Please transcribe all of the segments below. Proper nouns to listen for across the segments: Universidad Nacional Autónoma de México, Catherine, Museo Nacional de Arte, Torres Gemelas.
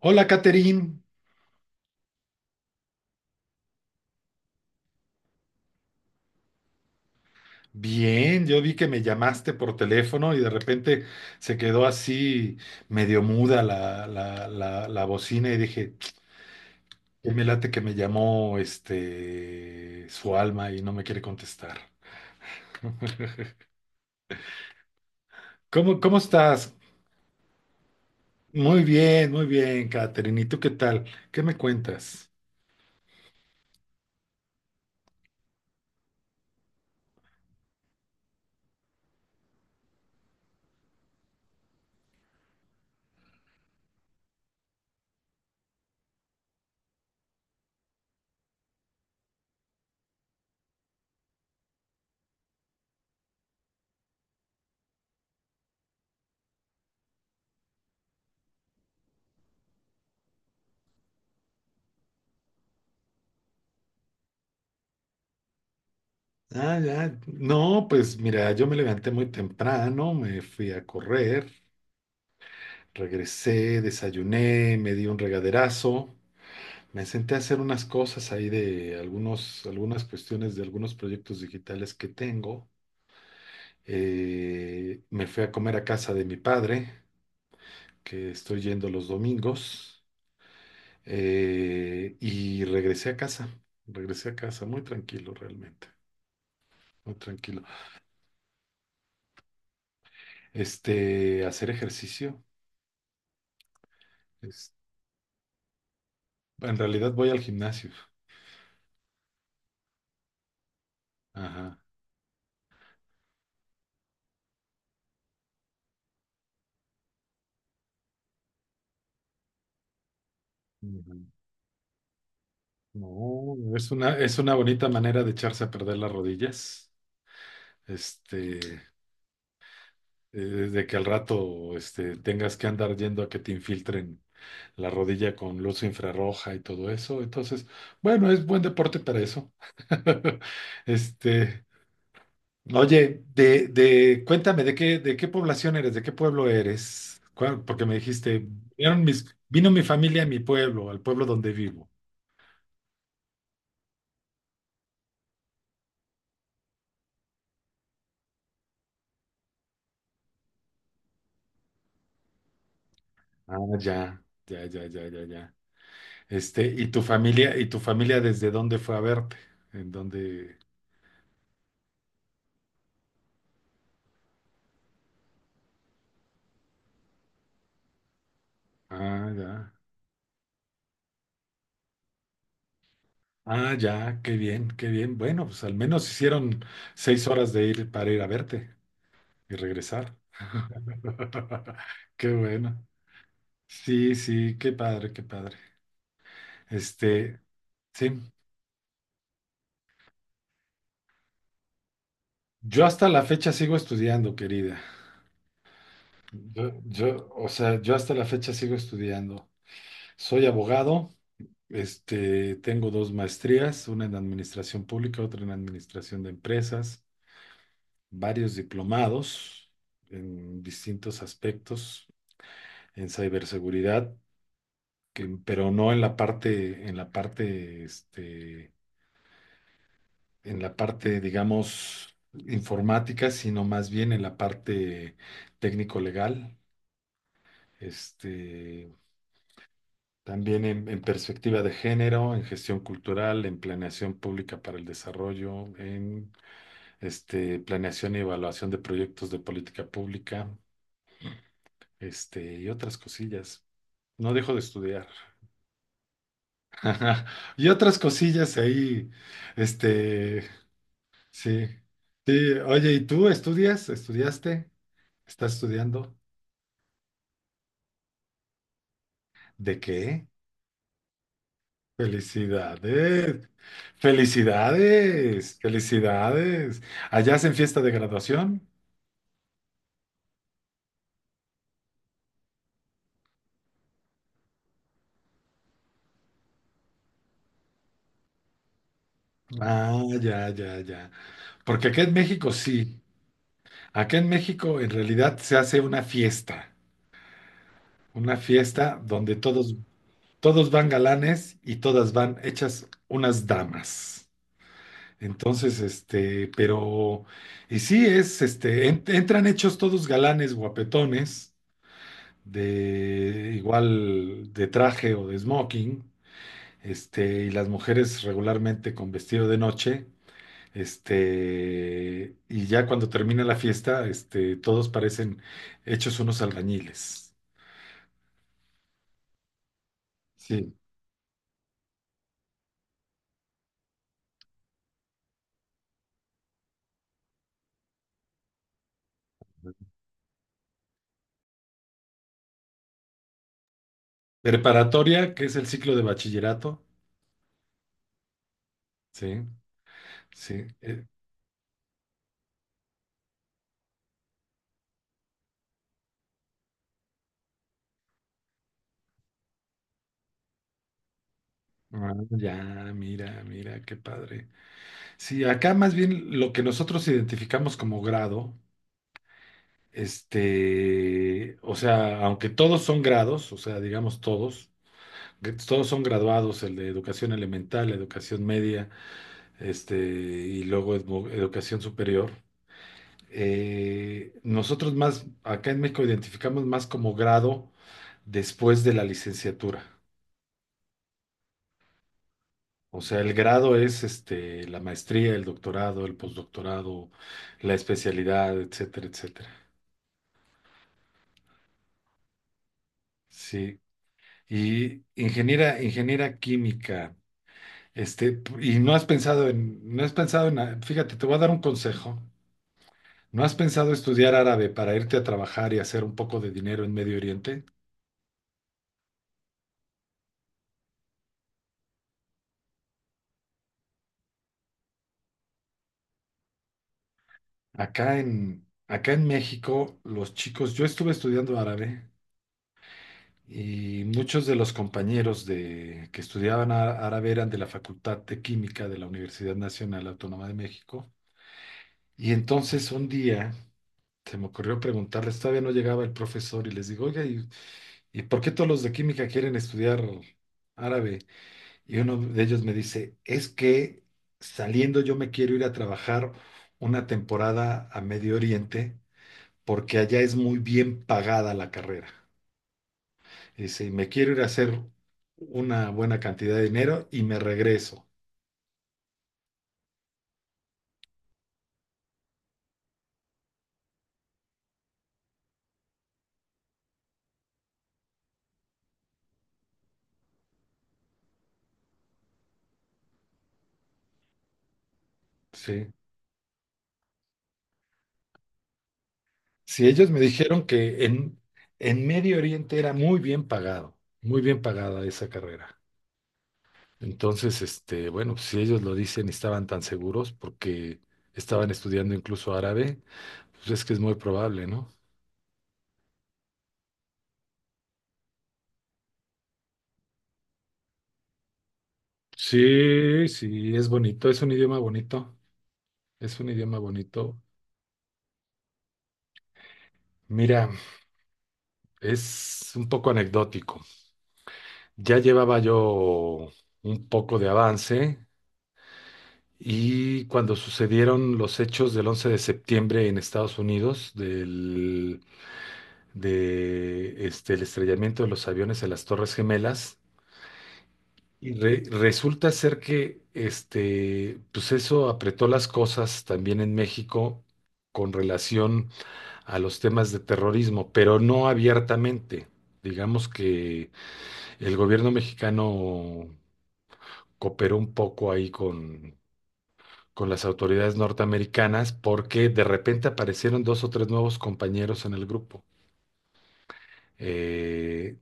Hola, Catherine. Bien, yo vi que me llamaste por teléfono y de repente se quedó así medio muda la bocina y dije, "Qué me late que me llamó este su alma y no me quiere contestar." ¿¿Cómo estás? Muy bien, Catherine. ¿Y tú qué tal? ¿Qué me cuentas? Ah, ya. No, pues mira, yo me levanté muy temprano, me fui a correr, regresé, desayuné, me di un regaderazo. Me senté a hacer unas cosas ahí de algunas cuestiones de algunos proyectos digitales que tengo. Me fui a comer a casa de mi padre, que estoy yendo los domingos, y regresé a casa. Regresé a casa muy tranquilo realmente, muy tranquilo. Hacer ejercicio. es- en realidad voy al gimnasio. Ajá. Ujú. No, es una bonita manera de echarse a perder las rodillas. Este. De que al rato tengas que andar yendo a que te infiltren la rodilla con luz infrarroja y todo eso. Entonces, bueno, es buen deporte para eso. Este, oye, cuéntame, ¿ de qué población eres? ¿De qué pueblo eres? ¿Cuál- Porque me dijiste, vino mi familia a mi pueblo, al pueblo donde vivo. Ah, ya. Este, ¿ y tu familia desde dónde fue a verte? ¿En dónde? Ah, ya. Ah, ya, qué bien, qué bien. Bueno, pues al menos hicieron seis horas de ir para ir a verte y regresar. Qué bueno. Sí, sí, qué padre, qué padre. Este, sí, yo hasta la fecha sigo estudiando, querida. Yo hasta la fecha sigo estudiando. Soy abogado, tengo dos maestrías, una en administración pública, otra en administración de empresas, varios diplomados en distintos aspectos en ciberseguridad, pero no en la parte, en la parte, digamos, informática, sino más bien en la parte técnico-legal, este, también en perspectiva de género, en gestión cultural, en planeación pública para el desarrollo, en planeación y evaluación de proyectos de política pública, y otras cosillas. No dejo de estudiar. Ajá. Y otras cosillas ahí, este, sí. Sí, oye, ¿y tú estudias? ¿Estudiaste? ¿Estás estudiando? ¿De qué? Felicidades, felicidades, felicidades. ¿Allá hacen fiesta de graduación? Ah, ya. Porque acá en México sí. Acá en México en realidad se hace una fiesta donde todos, todos van galanes y todas van hechas unas damas. Entonces, y sí es, entran hechos todos galanes, guapetones, de igual de traje o de smoking, y las mujeres regularmente con vestido de noche, y ya cuando termina la fiesta, todos parecen hechos unos albañiles. Sí. Preparatoria, que es el ciclo de bachillerato, sí, sí. Ah, ya, mira, mira, qué padre. Sí, acá más bien lo que nosotros identificamos como grado, o sea, aunque todos son grados, que todos son graduados, el de educación elemental, educación media, y luego educación superior. Nosotros más, acá en México identificamos más como grado después de la licenciatura. O sea, el grado es la maestría, el doctorado, el postdoctorado, la especialidad, etcétera, etcétera. Sí, y ingeniera, ingeniera química, y no has pensado en, fíjate, te voy a dar un consejo. ¿No has pensado estudiar árabe para irte a trabajar y hacer un poco de dinero en Medio Oriente? Acá en México, los chicos, yo estuve estudiando árabe y muchos de los compañeros que árabe eran de la Facultad de Química de la Universidad Nacional Autónoma de México. Y entonces un día se me ocurrió preguntarles, todavía no llegaba el profesor y les digo, oiga, ¿ y por qué todos los de química quieren estudiar árabe? Y uno de ellos me dice, es que saliendo yo me quiero ir a trabajar una temporada a Medio Oriente porque allá es muy bien pagada la carrera. Y dice, y me quiero ir a hacer una buena cantidad de dinero y me regreso. Sí. Si ellos me dijeron en Medio Oriente era muy bien pagado, muy bien pagada esa carrera. Entonces, bueno, pues, si ellos lo dicen y estaban tan seguros porque estaban estudiando incluso árabe, pues es que es muy probable, ¿no? Sí, sí, es bonito, es un idioma bonito, es un idioma bonito. Mira, es un poco anecdótico. Ya llevaba yo un poco de avance y cuando sucedieron los hechos del 11 de septiembre en Estados Unidos, el estrellamiento de los aviones en las Torres Gemelas. Resulta ser que pues eso apretó las cosas también en México con relación a los temas de terrorismo, pero no abiertamente. Digamos que el gobierno mexicano cooperó un poco ahí con las autoridades norteamericanas porque de repente aparecieron dos o tres nuevos compañeros en el grupo. Eh,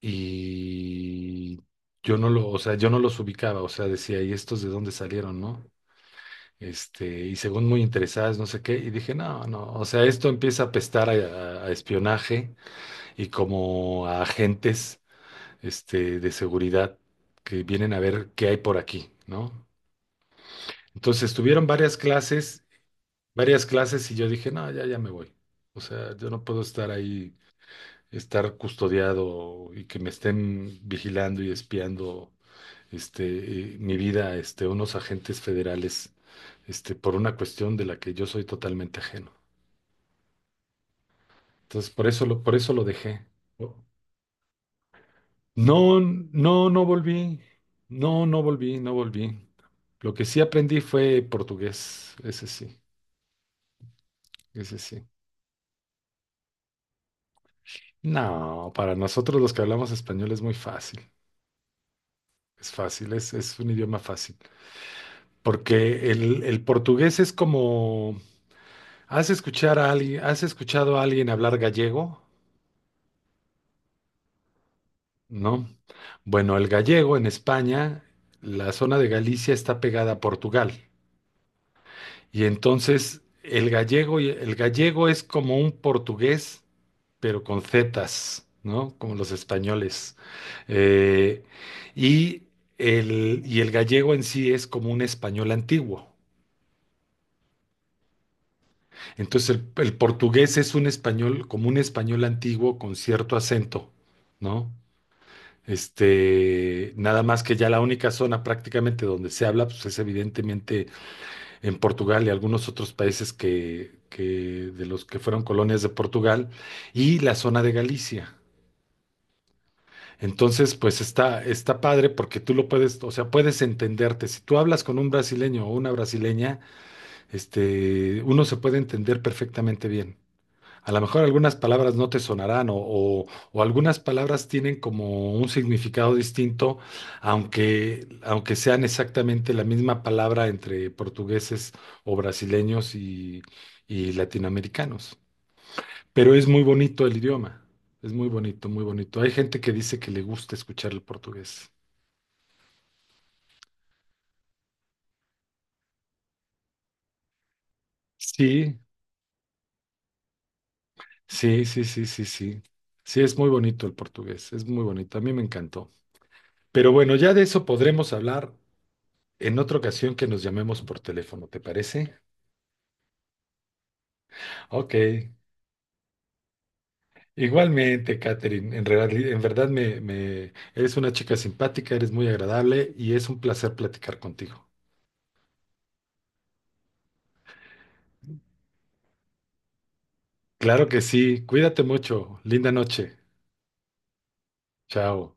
y yo no los ubicaba, o sea, decía, ¿y estos de dónde salieron, no? Y según muy interesadas, no sé qué, y dije, no, no, o sea, esto empieza a pestar a, a espionaje y como a agentes, de seguridad que vienen a ver qué hay por aquí, ¿no? Entonces tuvieron varias clases y yo dije, no, ya, ya me voy. O sea, yo no puedo estar ahí estar custodiado y que me estén vigilando y espiando mi vida, unos agentes federales, por una cuestión de la que yo soy totalmente ajeno. Entonces, por eso lo dejé. No, no, no volví. No, no volví, no volví. Lo que sí aprendí fue portugués, ese sí, ese sí. No, para nosotros los que hablamos español es muy fácil. Es fácil, es un idioma fácil. Porque el portugués es como, ¿ has escuchado a alguien hablar gallego? ¿No? Bueno, el gallego en España, la zona de Galicia está pegada a Portugal. Y entonces el gallego es como un portugués, pero con zetas, ¿no? Como los españoles. Eh, y el, y el gallego en sí es como un español antiguo. Entonces el portugués es un español, como un español antiguo con cierto acento, ¿no? Nada más que ya la única zona prácticamente donde se habla, pues es evidentemente en Portugal y algunos otros países que de los que fueron colonias de Portugal y la zona de Galicia. Entonces, pues está, está padre porque tú lo puedes, o sea, puedes entenderte. Si tú hablas con un brasileño o una brasileña, uno se puede entender perfectamente bien. A lo mejor algunas palabras no te sonarán o algunas palabras tienen como un significado distinto, aunque sean exactamente la misma palabra entre portugueses o brasileños y latinoamericanos. Pero es muy bonito el idioma, es muy bonito, muy bonito. Hay gente que dice que le gusta escuchar el portugués. Sí, sí. Sí, es muy bonito el portugués, es muy bonito, a mí me encantó. Pero bueno, ya de eso podremos hablar en otra ocasión que nos llamemos por teléfono, ¿te parece? Ok. Igualmente, Katherine, en verdad, eres una chica simpática, eres muy agradable y es un placer platicar contigo. Claro que sí, cuídate mucho, linda noche, chao.